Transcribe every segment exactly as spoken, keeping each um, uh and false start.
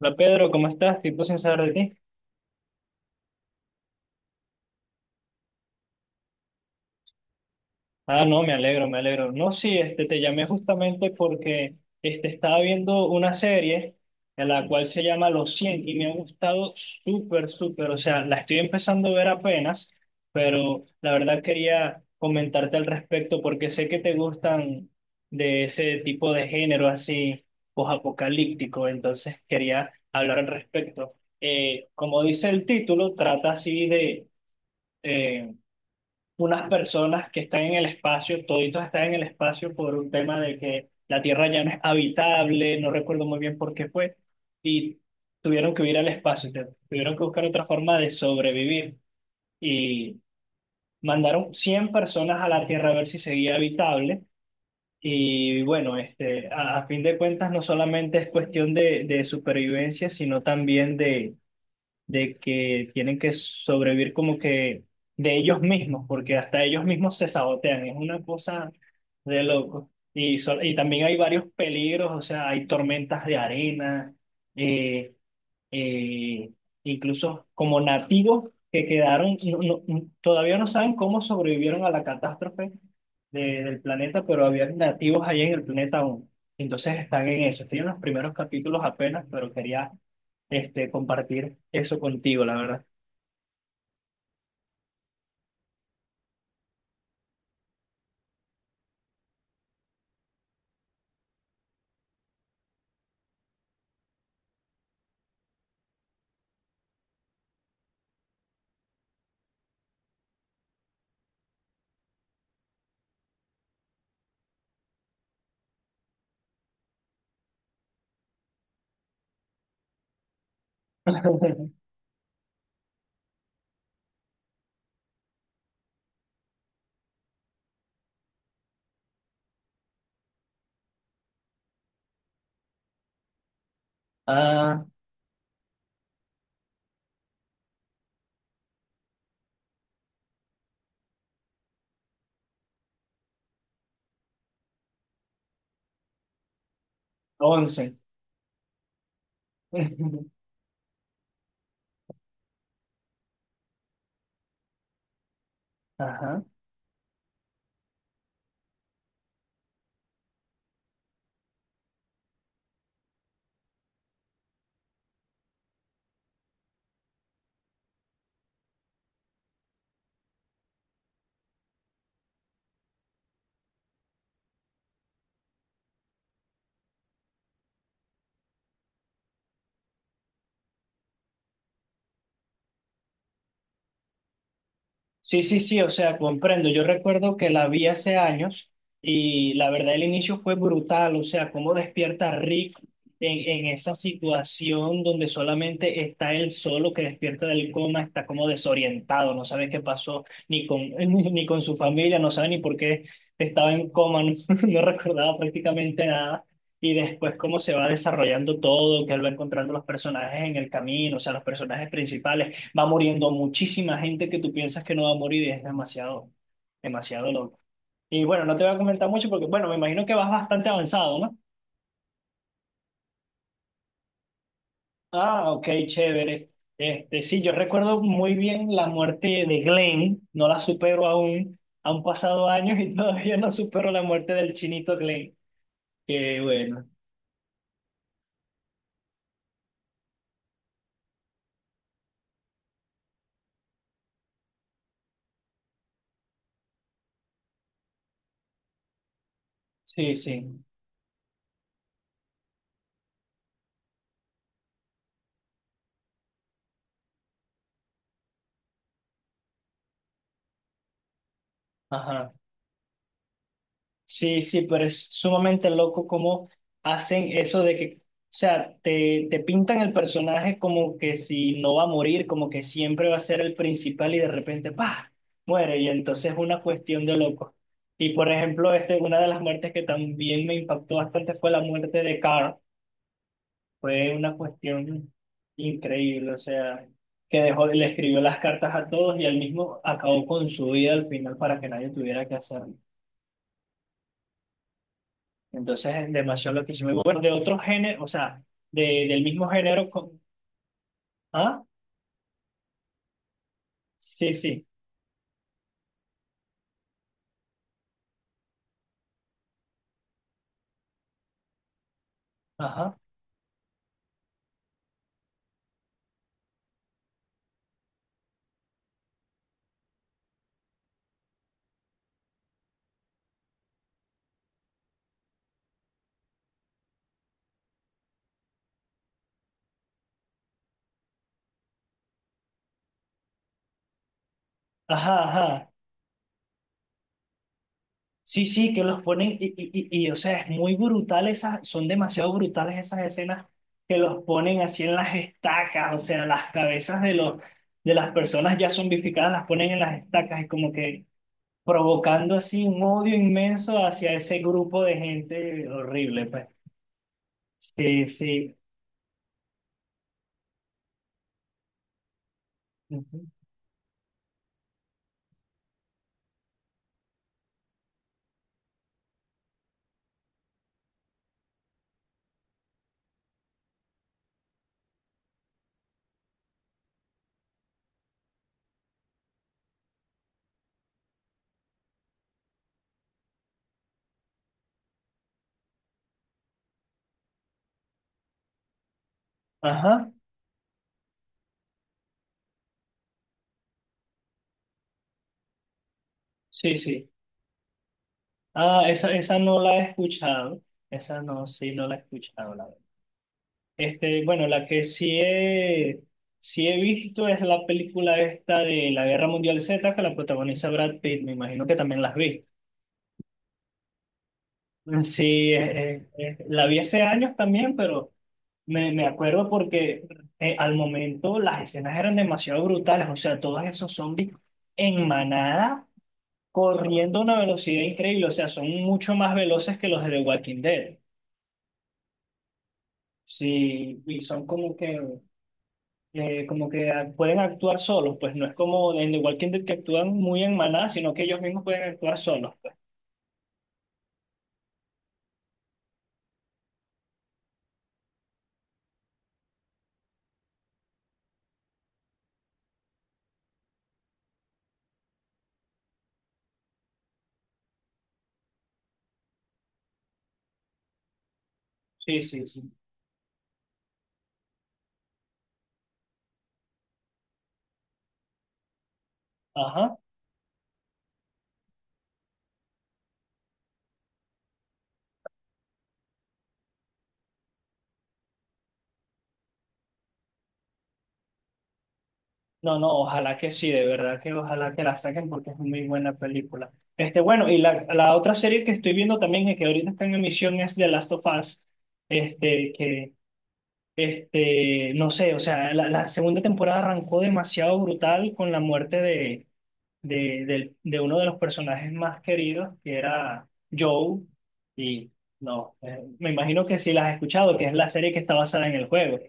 Hola Pedro, ¿cómo estás? Tiempo sin saber de ti. Ah, no, me alegro, me alegro. No, sí, este, te llamé justamente porque este, estaba viendo una serie en la cual se llama Los Cien y me ha gustado súper, súper. O sea, la estoy empezando a ver apenas, pero la verdad quería comentarte al respecto porque sé que te gustan de ese tipo de género así posapocalíptico, entonces quería hablar al respecto. Eh, como dice el título, trata así de... eh, unas personas que están en el espacio, toditos están en el espacio por un tema de que la Tierra ya no es habitable, no recuerdo muy bien por qué fue, y tuvieron que huir al espacio, te- tuvieron que buscar otra forma de sobrevivir y mandaron cien personas a la Tierra a ver si seguía habitable. Y bueno, este, a, a fin de cuentas no solamente es cuestión de, de supervivencia, sino también de de que tienen que sobrevivir como que de ellos mismos, porque hasta ellos mismos se sabotean, es una cosa de loco. Y, so- y también hay varios peligros, o sea, hay tormentas de arena, eh, eh, incluso como nativos que quedaron, no- no- no- todavía no saben cómo sobrevivieron a la catástrofe de- del planeta, pero había nativos ahí en el planeta aún. Entonces están en eso. Estoy en los primeros capítulos apenas, pero quería este, compartir eso contigo, la verdad. Ah, once. Ajá. Sí, sí, sí, o sea, comprendo. Yo recuerdo que la vi hace años y la verdad el inicio fue brutal, o sea, cómo despierta Rick en, en esa situación donde solamente está él solo que despierta del coma, está como desorientado, no sabe qué pasó ni con, ni ni con su familia, no sabe ni por qué estaba en coma, no, no recordaba prácticamente nada. Y después cómo se va desarrollando todo, que él va encontrando los personajes en el camino, o sea, los personajes principales. Va muriendo muchísima gente que tú piensas que no va a morir y es demasiado, demasiado loco. Y bueno, no te voy a comentar mucho porque, bueno, me imagino que vas bastante avanzado, ¿no? Ah, ok, chévere. Este, sí, yo recuerdo muy bien la muerte de Glenn, no la supero aún, han pasado años y todavía no supero la muerte del chinito Glenn. Que bueno, sí, sí, ajá. Sí, sí, pero es sumamente loco cómo hacen eso de que, o sea, te, te pintan el personaje como que si no va a morir, como que siempre va a ser el principal y de repente, ¡pah! Muere y entonces es una cuestión de loco. Y por ejemplo, este, una de las muertes que también me impactó bastante fue la muerte de Carl. Fue una cuestión increíble, o sea, que dejó, le escribió las cartas a todos y él mismo acabó con su vida al final para que nadie tuviera que hacerlo. Entonces es demasiado lo que hicimos. Y bueno, de otro género, o sea, de, del mismo género con... ¿Ah? Sí, sí. Ajá. Ajá, ajá. Sí, sí, que los ponen y, y, y, y, o sea, es muy brutal esas, son demasiado brutales esas escenas que los ponen así en las estacas, o sea, las cabezas de los, de las personas ya zombificadas las ponen en las estacas y como que provocando así un odio inmenso hacia ese grupo de gente horrible, pues. Sí, sí. Ujú. Ajá. Sí, sí. Ah, esa, esa no la he escuchado. Esa no, sí, no la he escuchado, la verdad. Este, bueno, la que sí he, sí he visto es la película esta de la Guerra Mundial Z que la protagoniza Brad Pitt. Me imagino que también la has visto. Sí, eh, eh, eh, la vi hace años también, pero me, me acuerdo porque eh, al momento las escenas eran demasiado brutales. O sea, todos esos zombies en manada corriendo a una velocidad increíble. O sea, son mucho más veloces que los de The Walking Dead. Sí, y son como que, eh, como que a- pueden actuar solos, pues no es como en The Walking Dead que actúan muy en manada, sino que ellos mismos pueden actuar solos, pues. Sí, sí, sí. Ajá. No, no, ojalá que sí, de verdad que ojalá que la saquen porque es muy buena película. Este, bueno, y la, la otra serie que estoy viendo también, y que ahorita está en emisión, es The Last of Us, este, que, este, no sé, o sea, la, la segunda temporada arrancó demasiado brutal con la muerte de de, del- de uno de los personajes más queridos, que era Joe, y no, eh, me imagino que sí la has escuchado, que es la serie que está basada en el juego,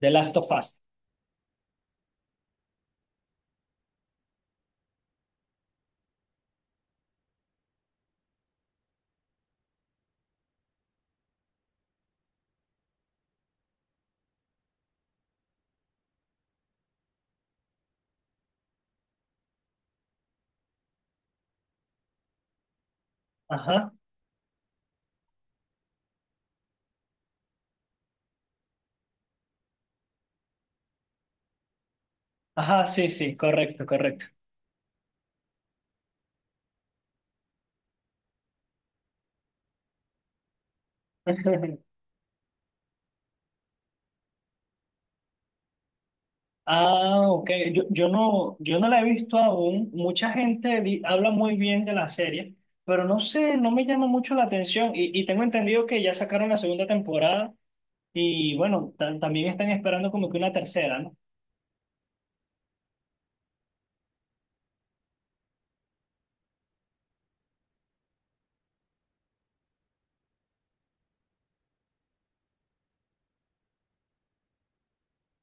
The Last of Us. Ajá, ajá, sí, sí, correcto, correcto. Ah, ok, yo, yo no, yo no la he visto aún, mucha gente di- habla muy bien de la serie, pero no sé, no me llama mucho la atención, y, y tengo entendido que ya sacaron la segunda temporada, y bueno, ta- también están esperando como que una tercera, ¿no?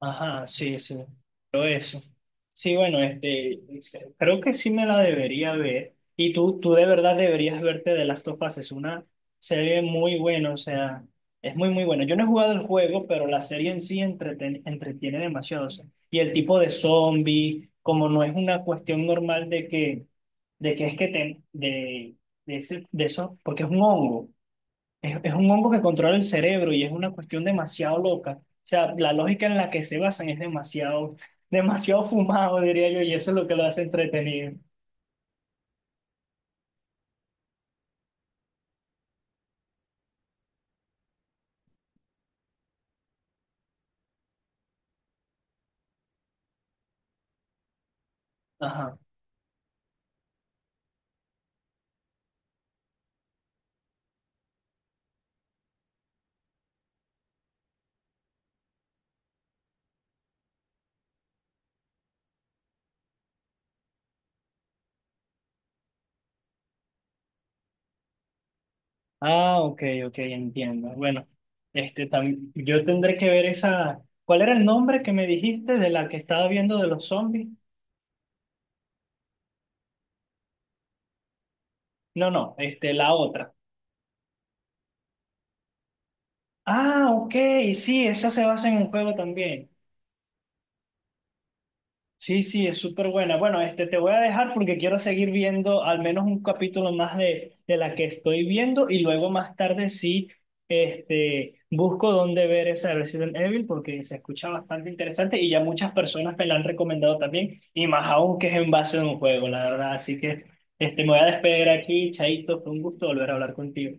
Ajá, sí, sí. Pero eso. Sí, bueno, este, este, creo que sí me la debería ver. Y tú, tú de verdad deberías verte de Last of Us. Es una serie muy buena, o sea, es muy, muy buena. Yo no he jugado el juego, pero la serie en sí entreten- entretiene demasiado. O sea. Y el tipo de zombie, como no es una cuestión normal de que, de que es que te, de, de, ese, de eso, porque es un hongo. Es, es un hongo que controla el cerebro y es una cuestión demasiado loca. O sea, la lógica en la que se basan es demasiado, demasiado fumado, diría yo, y eso es lo que lo hace entretenido. Ajá. Ah, ok, ok, entiendo. Bueno, este también, yo tendré que ver esa. ¿Cuál era el nombre que me dijiste de la que estaba viendo de los zombies? No, no, este, la otra. Ah, ok, sí, esa se basa en un juego también. Sí, sí, es súper buena. Bueno, este, te voy a dejar porque quiero seguir viendo al menos un capítulo más de, de la que estoy viendo y luego más tarde sí, este, busco dónde ver esa de Resident Evil porque se escucha bastante interesante y ya muchas personas me la han recomendado también y más aún que es en base a un juego, la verdad. Así que, este, me voy a despedir aquí, Chaito, fue un gusto volver a hablar contigo.